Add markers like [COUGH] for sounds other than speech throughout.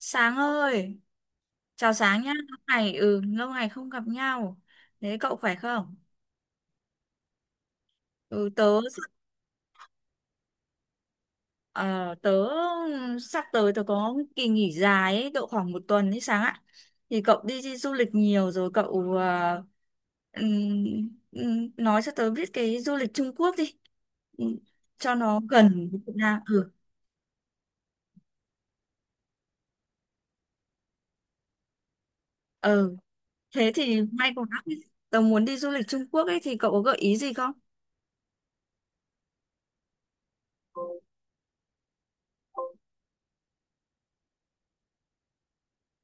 Sáng ơi, chào Sáng nhá. Lâu ngày lâu ngày không gặp nhau. Thế cậu khỏe không? Ừ, tớ sắp- ờ, tớ sắp tới tớ có kỳ nghỉ dài ấy, độ khoảng một tuần ấy Sáng ạ. Thì cậu đi du lịch nhiều rồi cậu nói cho tớ biết cái du lịch Trung Quốc đi. Ừm, Cho nó gần với Việt Nam. Ừ. Ừ. Thế thì may quá. Tớ muốn đi du lịch Trung Quốc ấy thì cậu có gợi ý gì không?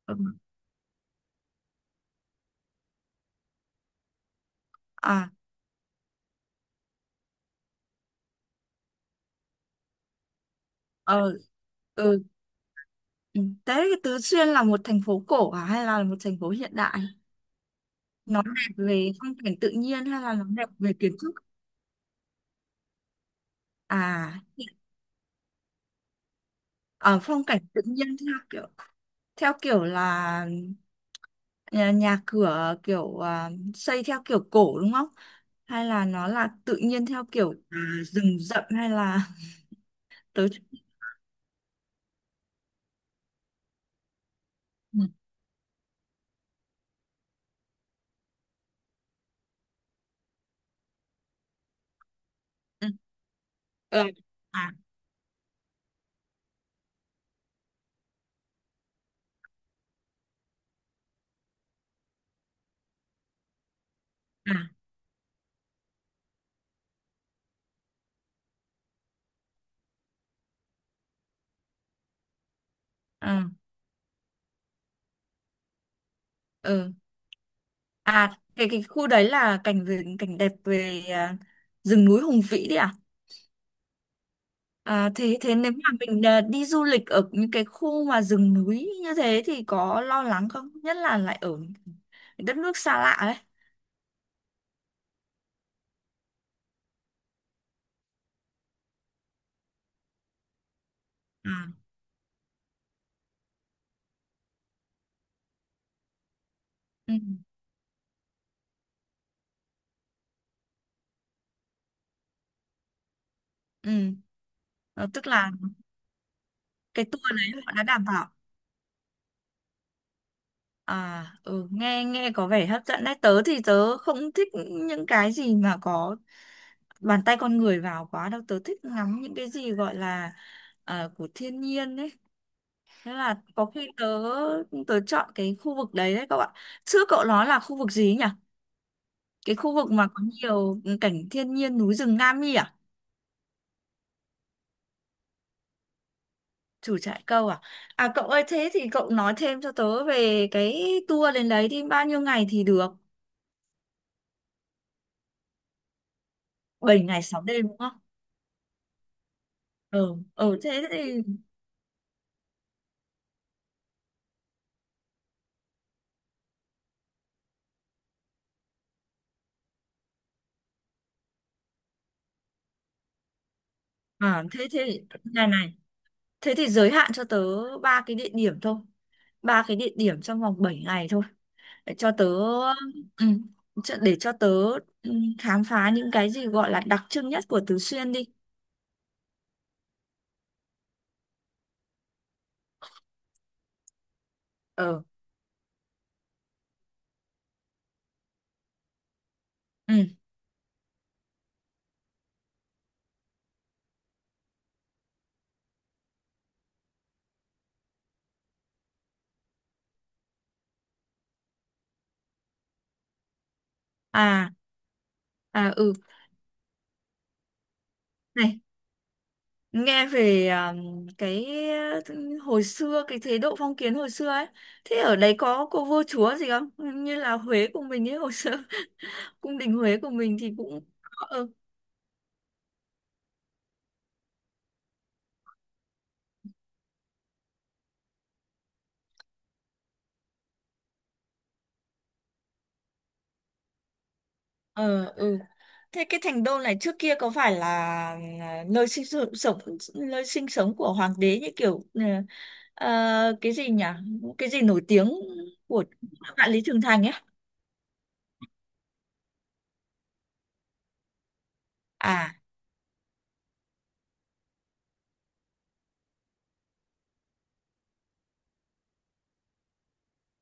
Ừ. À, ờ, ừ. Ừ. Đấy, Tứ Xuyên là một thành phố cổ à hay là một thành phố hiện đại? Nó đẹp về phong cảnh tự nhiên hay là nó đẹp về kiến trúc? À, ở phong cảnh tự nhiên theo kiểu là nhà cửa kiểu à, xây theo kiểu cổ đúng không? Hay là nó là tự nhiên theo kiểu à, rừng rậm hay là [LAUGHS] tớ ừ, ừ, ờ, à à à ừ. À cái khu đấy là cảnh về cảnh đẹp về à, rừng núi Hùng Vĩ đấy à? À, thế thế nếu mà mình à, đi du lịch ở những cái khu mà rừng núi như thế thì có lo lắng không? Nhất là lại ở những đất nước xa lạ ấy. À, ừ, ừ. Ờ, tức là cái tour đấy họ đã đảm bảo. À, ừ, nghe nghe có vẻ hấp dẫn đấy. Tớ thì tớ không thích những cái gì mà có bàn tay con người vào quá đâu. Tớ thích ngắm những cái gì gọi là à, của thiên nhiên ấy. Thế là có khi tớ tớ chọn cái khu vực đấy đấy cậu ạ. Trước cậu nói là khu vực gì ấy nhỉ? Cái khu vực mà có nhiều cảnh thiên nhiên núi rừng Nam Nhi à? Chủ trại câu à? À cậu ơi thế thì cậu nói thêm cho tớ về cái tour đến đấy đi bao nhiêu ngày thì được? Bảy ngày 6 đêm đúng không? Ừ, thế thì à thế thế này này, thế thì giới hạn cho tớ ba cái địa điểm thôi. Ba cái địa điểm trong vòng 7 ngày thôi. để cho tớ ừ, để cho tớ ừ, khám phá những cái gì gọi là đặc trưng nhất của Tứ Xuyên đi ờ ừ à à ừ này, nghe về à, cái ừ, hồi xưa cái chế độ phong kiến hồi xưa ấy, thế ở đấy có cô vua chúa gì không như là Huế của mình ấy hồi xưa [LAUGHS] cung đình Huế của mình thì cũng có. Ờ, ừ. Thế cái thành đô này trước kia có phải là à, nơi sinh sống của hoàng đế như kiểu cái gì nhỉ? Cái gì nổi tiếng của vạn Lý Trường Thành ấy? À,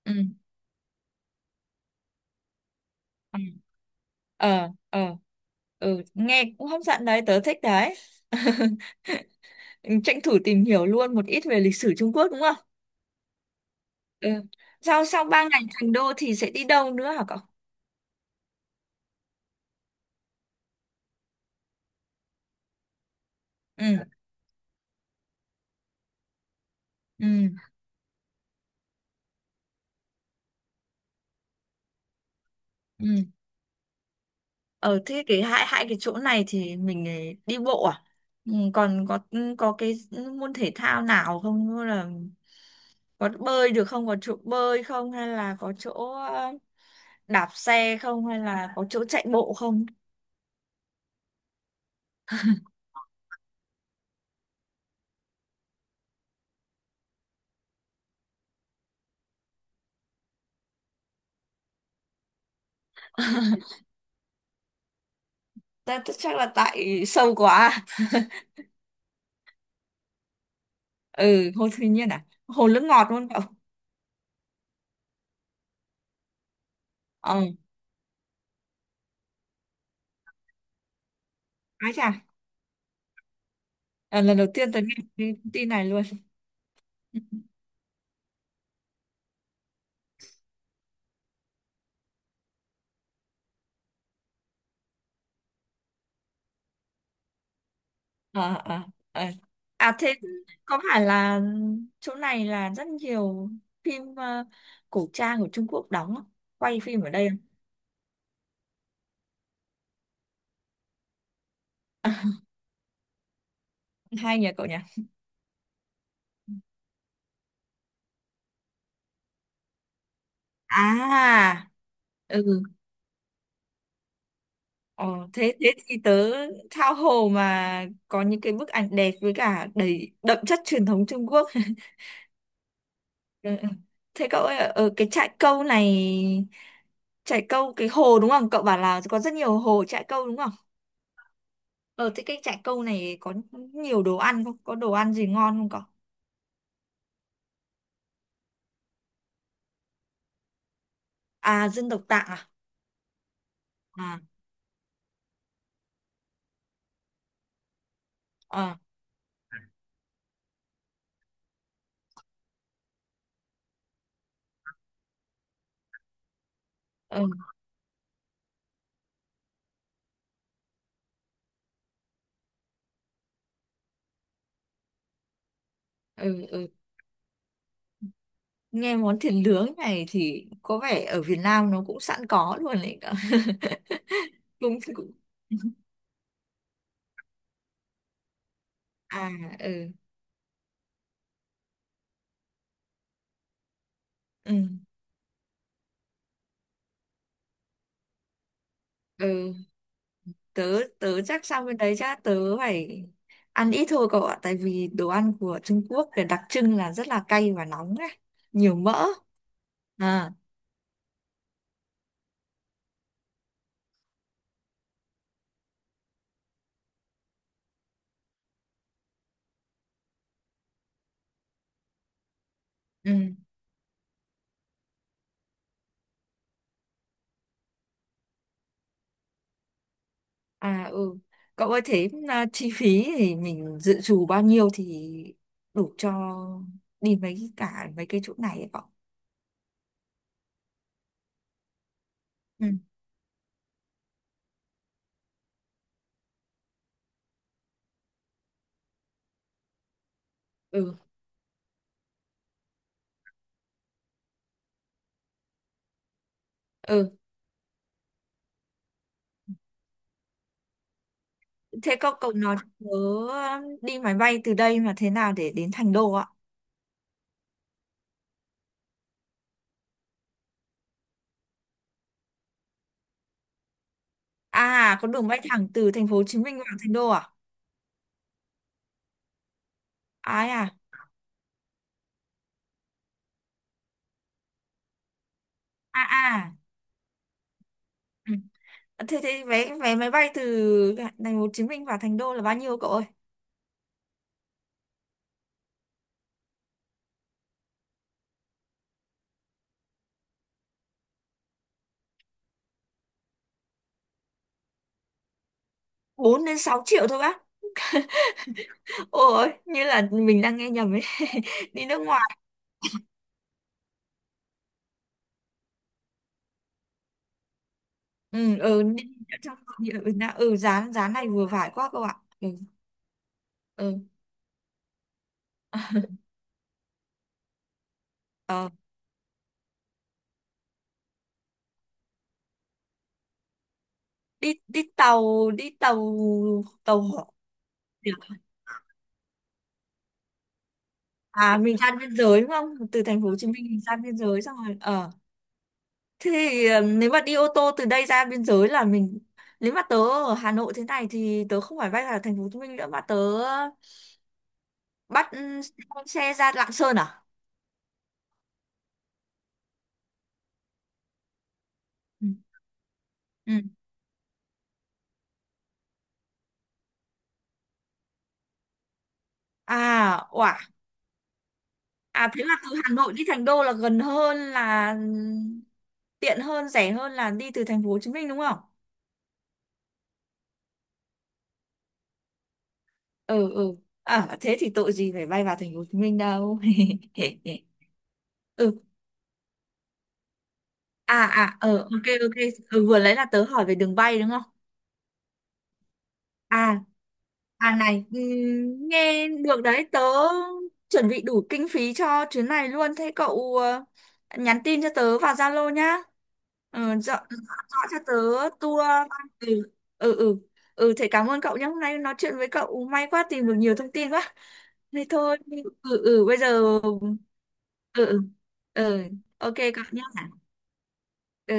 ừ. Ừ. Ờ, ờ. Ừ, nghe cũng hấp dẫn đấy, tớ thích đấy. [LAUGHS] Tranh thủ tìm hiểu luôn một ít về lịch sử Trung Quốc đúng không? Ừ. Sau sau ba ngày thành đô thì sẽ đi đâu nữa hả cậu? Ừ. Ừ. Ừ. Ở thế cái hai hai cái chỗ này thì mình ấy đi bộ à? Còn có ừ, có cái môn thể thao nào không, như là có bơi được không, có chỗ bơi không, hay là có chỗ ờ, đạp xe không, hay là có chỗ chạy bộ không? Ta ta- chắc là tại sâu quá. [LAUGHS] Ừ, hồ Thủy Nhiên à? Hồ nước ngọt luôn cậu. Ờ, ái chà, à, lần đầu tiên tôi nghe cái tin này luôn. Ừ. Ờ ờ ờ. À thế có phải là chỗ này là rất nhiều phim cổ trang của Trung Quốc đóng không? Quay phim ở đây không? [LAUGHS] Hay nhỉ cậu nhỉ? À ừ ờ, thế thế thì tớ tha hồ mà có những cái bức ảnh đẹp với cả đầy đậm chất truyền thống Trung Quốc. [LAUGHS] Ừ, ừ. Thế cậu ơi ở cái trại câu này, trại câu cái hồ đúng không, cậu bảo là có rất nhiều hồ trại câu đúng không? Ở thế cái trại câu này có nhiều đồ ăn không? Có đồ ăn gì ngon không cậu? À, dân tộc Tạng à? À, à ừ, ừ, ừ. Nghe món thịt nướng này thì có vẻ ở Việt Nam nó cũng sẵn có luôn đấy cậu. [LAUGHS] Cũng, cũng. À, ừ, ừ, ừ. Tớ, tớ chắc sang bên đấy chắc tớ phải ăn ít thôi cậu ạ. Tại vì đồ ăn của Trung Quốc thì đặc trưng là rất là cay và nóng ấy. Nhiều mỡ. À, ừ. À ừ. Cậu ơi thế à, chi phí thì mình dự trù bao nhiêu thì đủ cho đi mấy cả mấy cái chỗ này ấy cậu? Ừ. Ừ. Ừ. Thế cậu cậu nói nhớ đi máy bay từ đây mà thế nào để đến Thành Đô ạ? À có đường bay thẳng từ thành phố Hồ Chí Minh vào Thành Đô à? Ai à? À à. Ừ. Thế thế vé vé máy bay từ thành phố Hồ Chí Minh vào Thành Đô là bao nhiêu cậu ơi? Bốn đến 6 triệu thôi bác. Ôi, như là mình đang nghe nhầm ấy. [LAUGHS] Đi nước ngoài ừ ừ nên ở trong ừ, đã- ừ giá giá này vừa phải quá các bạn ừ ừ ờ, đi đi tàu tàu hỏa được. À mình ra biên giới đúng không, từ thành phố Hồ Chí Minh mình ra biên giới xong rồi ờ thế thì ờ, nếu mà đi ô tô từ đây ra biên giới là mình, nếu mà tớ ở Hà Nội thế này thì tớ không phải bay vào thành phố Hồ Chí Minh nữa mà tớ bắt ừ, xe ra Lạng Sơn à. Ừ. Ừ. À ủa, à thế là từ Hà Nội đi Thành Đô là gần hơn là tiện hơn, rẻ hơn là đi từ thành phố Hồ Chí Minh đúng không? Ừ ừ. À thế thì tội gì phải bay vào thành phố Hồ Chí Minh đâu. [LAUGHS] Ừ. À à ờ ok ok. Ừ, vừa lấy là tớ hỏi về đường bay đúng không? À, à này, nghe được đấy, tớ chuẩn bị đủ kinh phí cho chuyến này luôn. Thế cậu ờ, nhắn tin cho tớ vào Zalo nhá. Ừ, dọn cho tớ tour. Ừ, ừ, ừ. Ừ, thế cảm ơn cậu nhé. Hôm nay nói chuyện với cậu may quá tìm được nhiều thông tin quá. Thế thôi, ừ, ừ, bây giờ... Ừ, ừ, ừ, ok cậu nhé. Ừ.